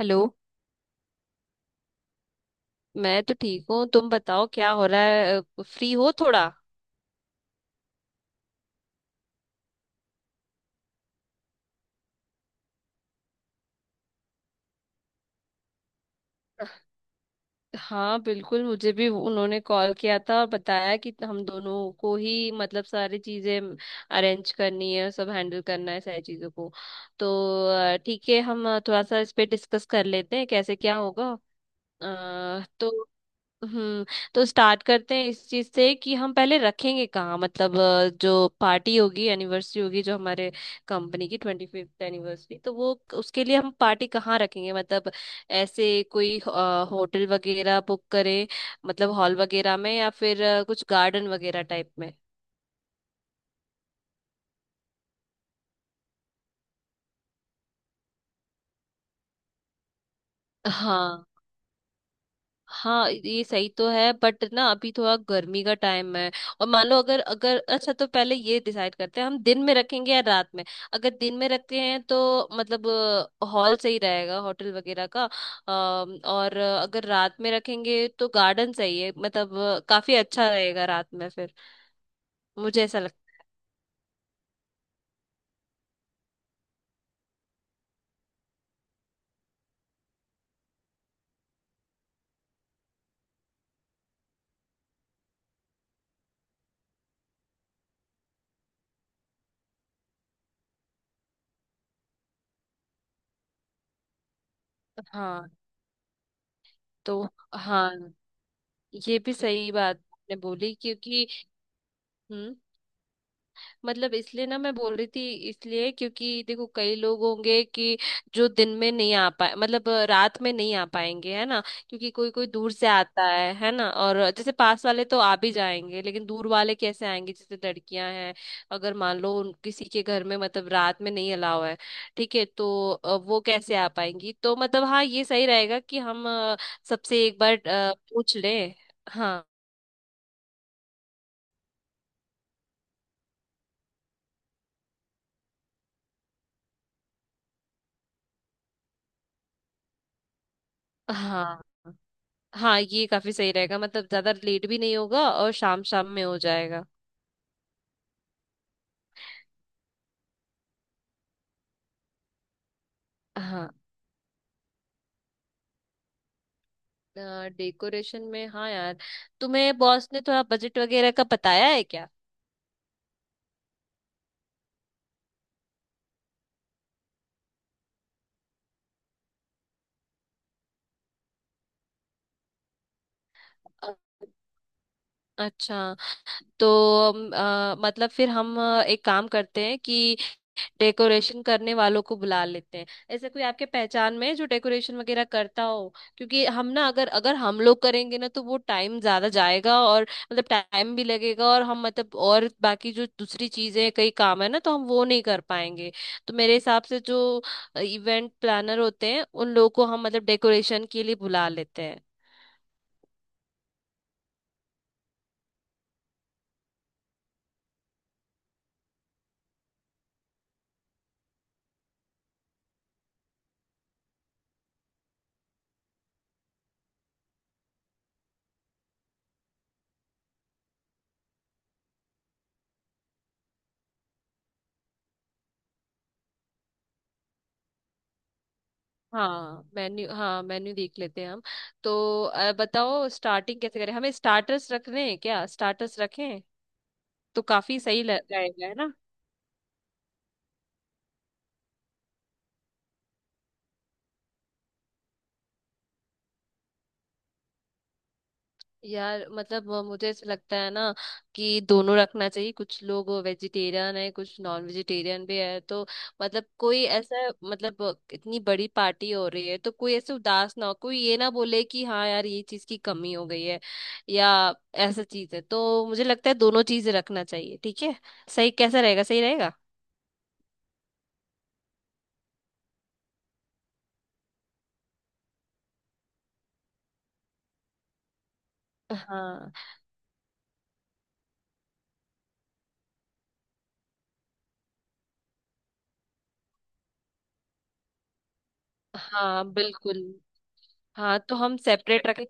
Hello. मैं तो ठीक हूँ, तुम बताओ क्या हो रहा है? फ्री हो थोड़ा? हाँ बिल्कुल, मुझे भी उन्होंने कॉल किया था और बताया कि हम दोनों को ही मतलब सारी चीजें अरेंज करनी है, सब हैंडल करना है सारी चीजों को तो ठीक है, हम थोड़ा सा इस पे डिस्कस कर लेते हैं कैसे क्या होगा। अ, तो हम्म तो स्टार्ट करते हैं इस चीज से कि हम पहले रखेंगे कहाँ। मतलब जो पार्टी होगी, एनिवर्सरी होगी, जो हमारे कंपनी की 25th एनिवर्सरी, तो वो उसके लिए हम पार्टी कहाँ रखेंगे? मतलब ऐसे कोई होटल वगैरह बुक करें? मतलब हॉल वगैरह में या फिर कुछ गार्डन वगैरह टाइप में? हाँ हाँ, ये सही तो है बट ना अभी थोड़ा गर्मी का टाइम है। और मान लो, अगर अगर अच्छा, तो पहले ये डिसाइड करते हैं हम दिन में रखेंगे या रात में? अगर दिन में रखते हैं तो मतलब हॉल सही रहेगा होटल वगैरह का। और अगर रात में रखेंगे तो गार्डन सही है, मतलब काफी अच्छा रहेगा रात में फिर। मुझे ऐसा लगता है। हाँ तो हाँ, ये भी सही बात आपने बोली क्योंकि हम्म। मतलब इसलिए ना मैं बोल रही थी, इसलिए क्योंकि देखो, कई लोग होंगे कि जो दिन में नहीं आ पाए, मतलब रात में नहीं आ पाएंगे, है ना। क्योंकि कोई कोई दूर से आता है ना? और जैसे पास वाले तो आ भी जाएंगे लेकिन दूर वाले कैसे आएंगे? जैसे लड़कियां हैं, अगर मान लो उन किसी के घर में मतलब रात में नहीं अलाव है, ठीक है तो वो कैसे आ पाएंगी? तो मतलब हाँ, ये सही रहेगा कि हम सबसे एक बार पूछ लें। हाँ, हाँ। हाँ, ये काफी सही रहेगा, मतलब ज्यादा लेट भी नहीं होगा और शाम शाम में हो जाएगा। हाँ। डेकोरेशन में हाँ यार, तुम्हें बॉस ने थोड़ा बजट वगैरह का बताया है क्या? अ- अच्छा। तो मतलब फिर हम एक काम करते हैं कि डेकोरेशन करने वालों को बुला लेते हैं। ऐसे कोई आपके पहचान में है जो डेकोरेशन वगैरह करता हो? क्योंकि हम ना, अगर अगर हम लोग करेंगे ना तो वो टाइम ज्यादा जाएगा और मतलब टाइम भी लगेगा, और हम मतलब, और बाकी जो दूसरी चीजें कई काम है ना, तो हम वो नहीं कर पाएंगे। तो मेरे हिसाब से जो इवेंट प्लानर होते हैं उन लोगों को हम मतलब डेकोरेशन के लिए बुला लेते हैं। हाँ मेन्यू, हाँ मेन्यू देख लेते हैं हम। तो बताओ, स्टार्टिंग कैसे करें? हमें स्टार्टर्स रखने हैं क्या? स्टार्टर्स रखें। तो काफी सही रहेगा, है ना। यार मतलब मुझे ऐसा लगता है ना कि दोनों रखना चाहिए, कुछ लोग वेजिटेरियन है, कुछ नॉन वेजिटेरियन भी है तो। मतलब कोई ऐसा, मतलब इतनी बड़ी पार्टी हो रही है तो कोई ऐसे उदास ना हो, कोई ये ना बोले कि हाँ यार ये चीज की कमी हो गई है या ऐसा चीज है। तो मुझे लगता है दोनों चीजें रखना चाहिए, ठीक है। सही, कैसा रहेगा? सही रहेगा। हाँ हाँ बिल्कुल। हाँ तो हम सेपरेट रखें,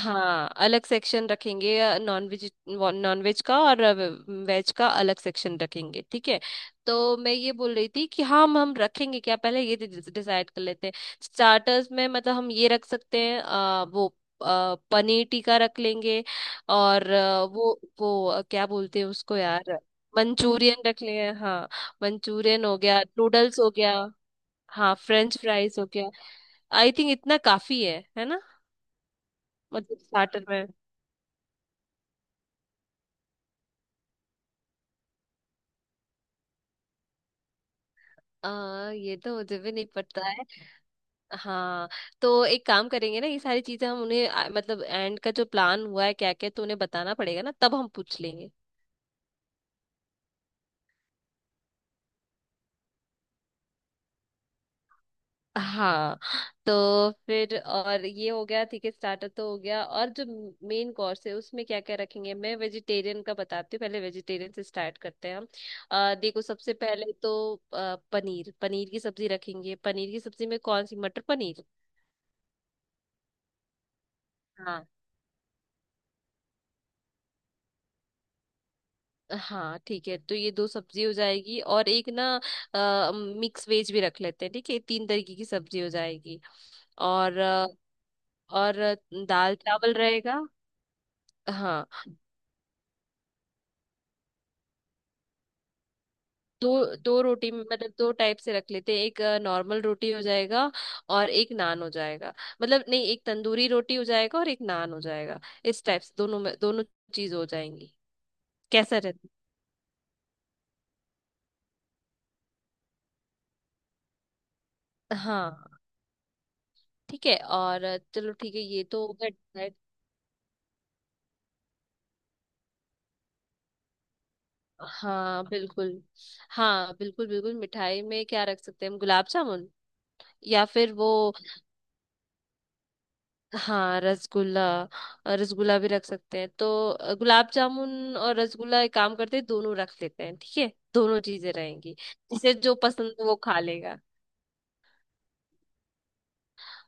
हाँ अलग सेक्शन रखेंगे। नॉन वेज, नॉन वेज का और वेज का अलग सेक्शन रखेंगे, ठीक है। तो मैं ये बोल रही थी कि हाँ, हम रखेंगे क्या पहले ये डिसाइड कर लेते हैं। स्टार्टर्स में मतलब हम ये रख सकते हैं वो, पनीर टिक्का रख लेंगे। और वो क्या बोलते हैं उसको यार? मंचूरियन रख लेंगे हाँ। मंचूरियन हो गया, नूडल्स हो गया। हाँ, फ्रेंच फ्राइज हो गया। आई थिंक इतना काफी है ना। मतलब स्टार्टर में। ये तो मुझे भी नहीं पता है। हाँ तो एक काम करेंगे ना, ये सारी चीजें हम उन्हें मतलब एंड का जो प्लान हुआ है क्या क्या, तो उन्हें बताना पड़ेगा ना, तब हम पूछ लेंगे। हाँ तो फिर, और ये हो गया ठीक है, स्टार्टर तो हो गया। और जो मेन कोर्स है उसमें क्या क्या रखेंगे? मैं वेजिटेरियन का बताती हूँ, पहले वेजिटेरियन से स्टार्ट करते हैं हम। देखो, सबसे पहले तो पनीर पनीर की सब्जी रखेंगे। पनीर की सब्जी में कौन सी? मटर पनीर। हाँ ठीक है, तो ये दो सब्जी हो जाएगी और एक ना मिक्स वेज भी रख लेते हैं, ठीक है। तीन तरीके की सब्जी हो जाएगी। और अ, और दाल चावल रहेगा। हाँ, दो दो रोटी, मतलब दो टाइप से रख लेते हैं। एक नॉर्मल रोटी हो जाएगा और एक नान हो जाएगा। मतलब नहीं, एक तंदूरी रोटी हो जाएगा और एक नान हो जाएगा। इस टाइप से दोनों में दोनों चीज हो जाएंगी। कैसा रहता? हाँ ठीक है। और चलो ठीक है, ये तो हो गया। हाँ बिल्कुल। हाँ बिल्कुल बिल्कुल, मिठाई में क्या रख सकते हैं हम? गुलाब जामुन या फिर वो, हाँ रसगुल्ला। रसगुल्ला भी रख सकते हैं, तो गुलाब जामुन और रसगुल्ला, एक काम करते हैं दोनों रख लेते हैं ठीक है। दोनों चीजें रहेंगी, जिसे जो पसंद हो वो खा लेगा।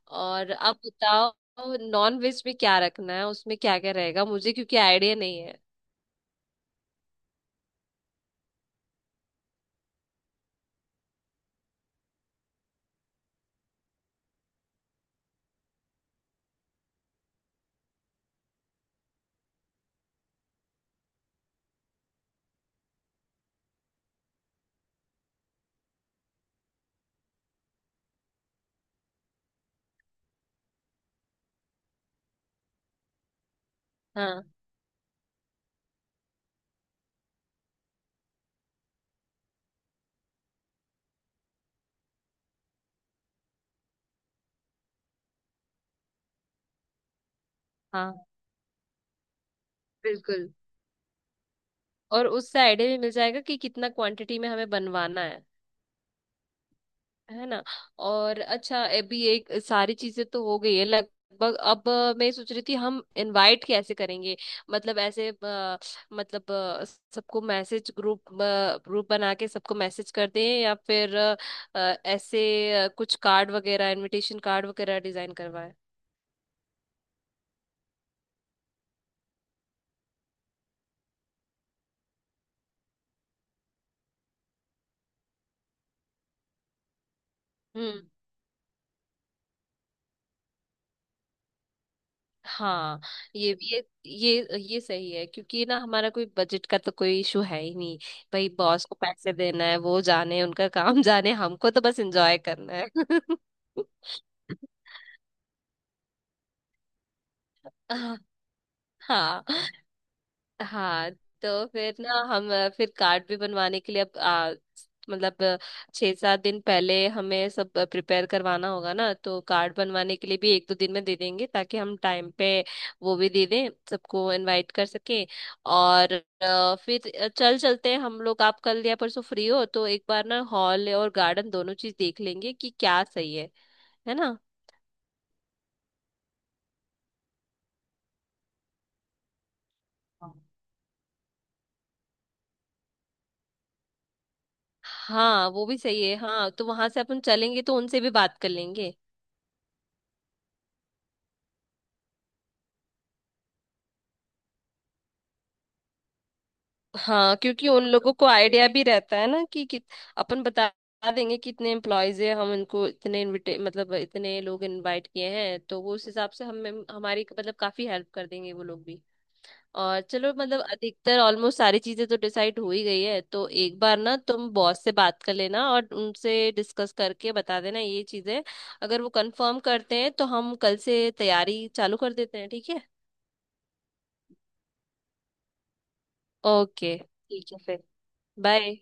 और आप बताओ, नॉन वेज में क्या रखना है? उसमें क्या क्या रहेगा, मुझे क्योंकि आइडिया नहीं है। हाँ हाँ बिल्कुल। और उससे आइडिया भी मिल जाएगा कि कितना क्वांटिटी में हमें बनवाना है ना। और अच्छा, अभी एक सारी चीजें तो हो गई है लगभग। अब मैं सोच रही थी हम इनवाइट कैसे करेंगे? मतलब ऐसे मतलब अ, सबको मैसेज, ग्रुप ग्रुप बना के सबको मैसेज करते हैं या फिर अ, ऐसे कुछ कार्ड वगैरह, इनविटेशन कार्ड वगैरह डिजाइन करवाए? हम्म। हाँ, ये सही है, क्योंकि ना हमारा कोई बजट का तो कोई इशू है ही नहीं। भाई बॉस को पैसे देना है वो जाने उनका काम जाने, हमको तो बस एंजॉय करना है। हाँ। हाँ तो फिर ना हम फिर कार्ड भी बनवाने के लिए अब मतलब 6-7 दिन पहले हमें सब प्रिपेयर करवाना होगा ना, तो कार्ड बनवाने के लिए भी 1-2 दिन में दे देंगे ताकि हम टाइम पे वो भी दे दें, सबको इनवाइट कर सके। और फिर चल चलते हैं हम लोग, आप कल या परसों फ्री हो तो एक बार ना हॉल और गार्डन दोनों चीज देख लेंगे कि क्या सही है ना। हाँ। हाँ वो भी सही है। हाँ तो वहां से अपन चलेंगे तो उनसे भी बात कर लेंगे। हाँ क्योंकि उन लोगों को आइडिया भी रहता है ना कि अपन बता देंगे कि इतने एम्प्लॉयज है, हम इनको इतने इनविटे मतलब इतने लोग इनवाइट किए हैं, तो वो उस हिसाब से हमें, हमारी मतलब काफी हेल्प कर देंगे वो लोग भी। और चलो मतलब अधिकतर ऑलमोस्ट सारी चीजें तो डिसाइड हो ही गई है। तो एक बार ना तुम बॉस से बात कर लेना और उनसे डिस्कस करके बता देना ये चीजें, अगर वो कंफर्म करते हैं तो हम कल से तैयारी चालू कर देते हैं ठीक है। ओके ठीक है फिर, बाय।